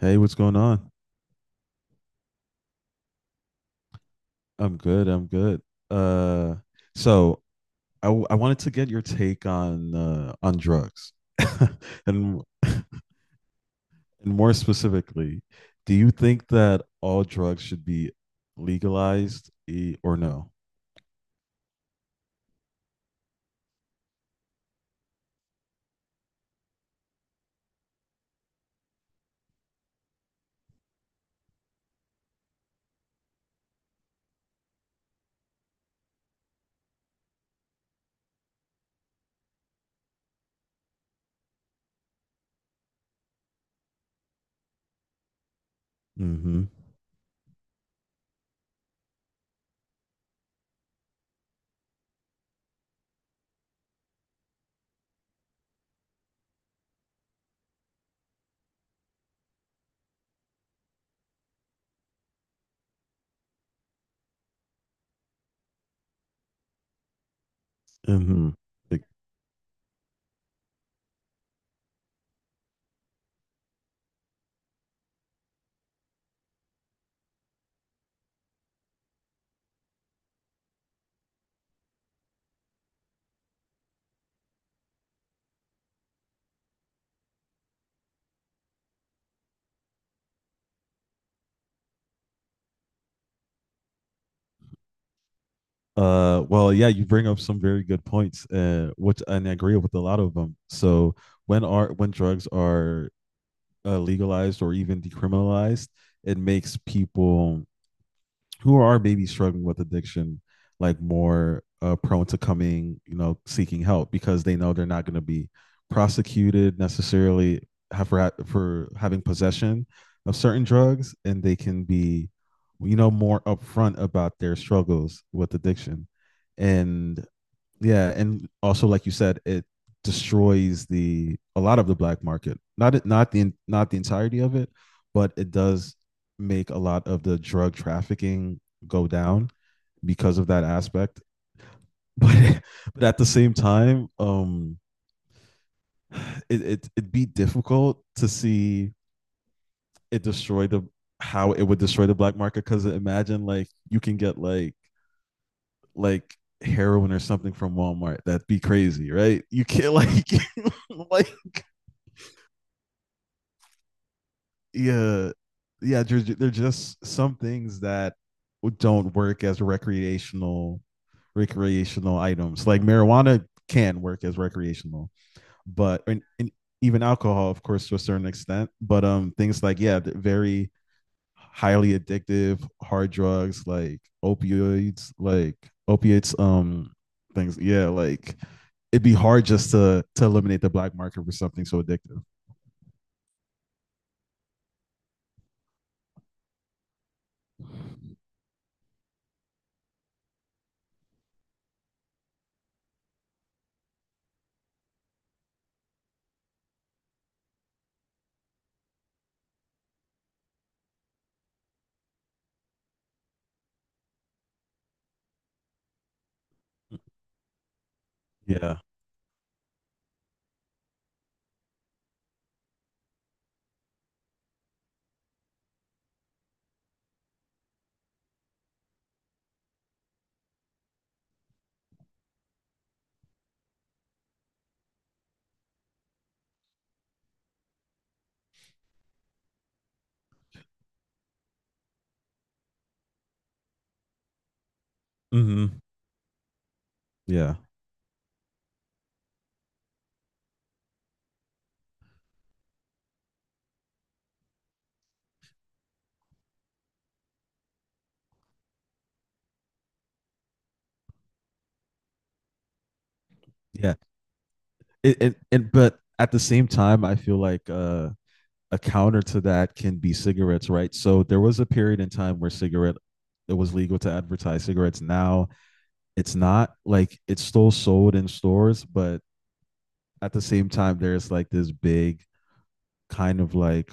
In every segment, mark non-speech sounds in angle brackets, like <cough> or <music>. Hey, what's going on? I'm good. I'm good. Uh, so I wanted to get your take on drugs, <laughs> and more specifically, do you think that all drugs should be legalized or no? Mm-hmm. Mm-hmm. Like, well, yeah, you bring up some very good points, which and I agree with a lot of them. So when drugs are legalized or even decriminalized, it makes people who are maybe struggling with addiction like more prone to coming, seeking help because they know they're not going to be prosecuted necessarily for for having possession of certain drugs, and they can be, you know, more upfront about their struggles with addiction. And yeah, and also like you said, it destroys the a lot of the black market. Not the, not the entirety of it, but it does make a lot of the drug trafficking go down because of that aspect. <laughs> But but at the same time, it'd be difficult to see it destroy the how it would destroy the black market, because imagine like you can get like heroin or something from Walmart. That'd be crazy, right? You can't like <laughs> like yeah, yeah. They're just some things that don't work as recreational items. Like marijuana can work as recreational, but and even alcohol, of course, to a certain extent. But things like, yeah, very highly addictive hard drugs like opioids, like opiates, things, yeah, like it'd be hard just to eliminate the black market for something so addictive. Yeah. Hmm. Yeah, yeah, it but at the same time I feel like a counter to that can be cigarettes, right? So there was a period in time where cigarette it was legal to advertise cigarettes. Now it's not like it's still sold in stores, but at the same time, there's like this big kind of like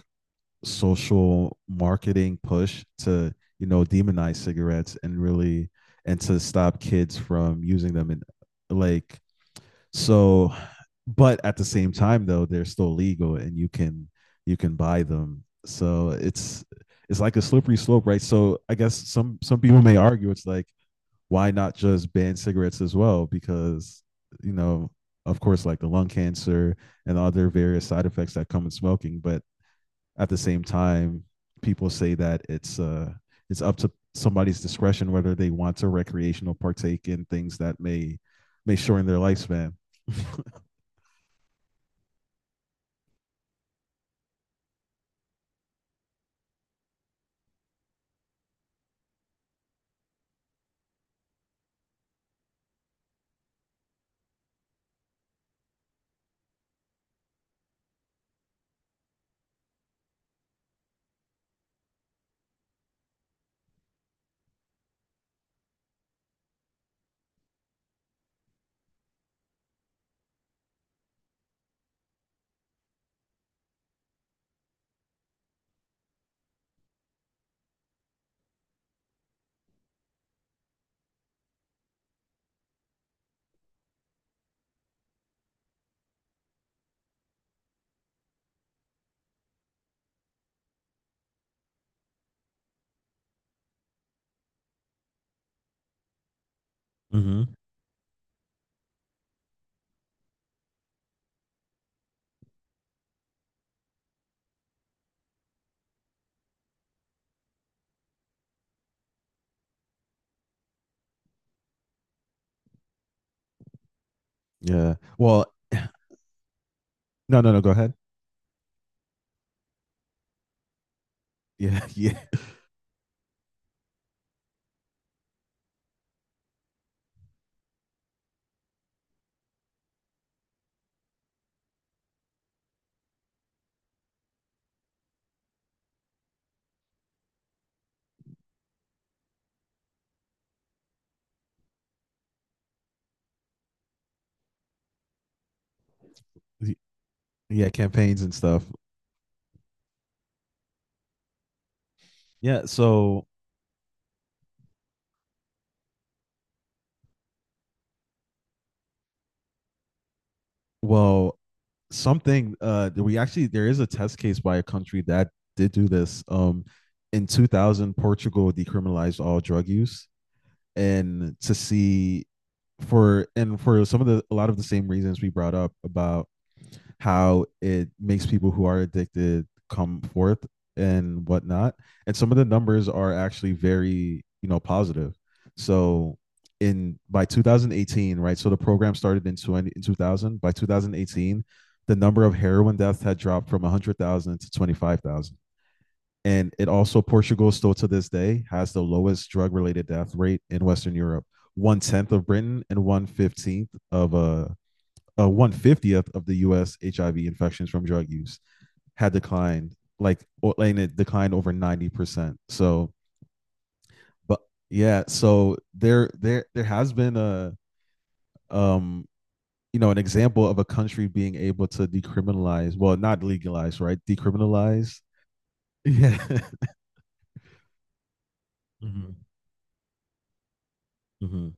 social marketing push to, you know, demonize cigarettes and really and to stop kids from using them. And like so, but at the same time though, they're still legal and you can buy them. So it's like a slippery slope, right? So I guess some people may argue it's like why not just ban cigarettes as well, because, you know, of course, like the lung cancer and other various side effects that come with smoking. But at the same time, people say that it's up to somebody's discretion whether they want to recreational partake in things that may shorten their lifespan. <laughs> Mm-hmm. Yeah. Well, no, no, no. Go ahead. <laughs> Yeah, yeah, yeah. Campaigns and stuff. Yeah. So, well, something. We actually There is a test case by a country that did do this. In 2000, Portugal decriminalized all drug use, and to see for and for some of the a lot of the same reasons we brought up about how it makes people who are addicted come forth and whatnot. And some of the numbers are actually very, you know, positive. So in by 2018, right? So the program started in 2000. By 2018, the number of heroin deaths had dropped from 100,000 to 25,000. And it also, Portugal still to this day has the lowest drug related death rate in Western Europe, one tenth of Britain and one 15th of a one 50th of the U.S. HIV infections from drug use had declined, like and it declined over 90%. So, but yeah, so there there has been a um you know an example of a country being able to decriminalize, well, not legalize, right? Decriminalize, yeah. <laughs> Mhm, mhm.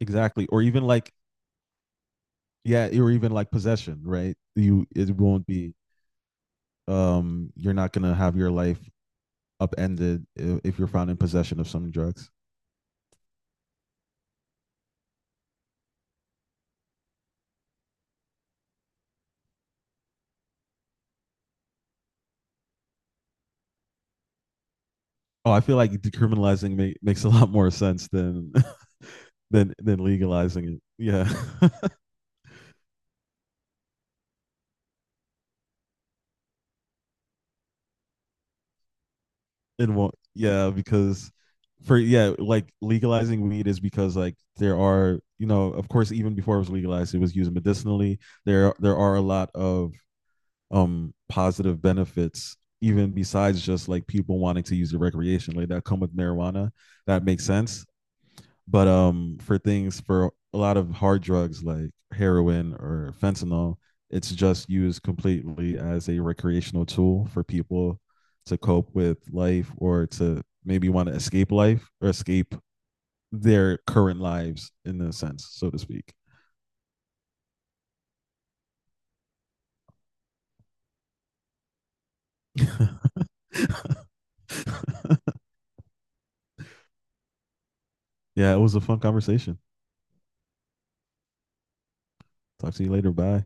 Exactly, or even like yeah or even like possession, right? You it won't be you're not gonna have your life upended if you're found in possession of some drugs. Oh, I feel like decriminalizing ma- makes a <laughs> lot more sense than <laughs> than legalizing it. Yeah. <laughs> It won't, yeah, because for yeah, like legalizing weed is because like there are, you know, of course, even before it was legalized it was used medicinally. There are a lot of positive benefits, even besides just like people wanting to use the recreation like, that come with marijuana, that makes sense. But for things, for a lot of hard drugs like heroin or fentanyl, it's just used completely as a recreational tool for people to cope with life, or to maybe want to escape life or escape their current lives, in a sense, so to speak. <laughs> Yeah, it was a fun conversation. Talk to you later. Bye.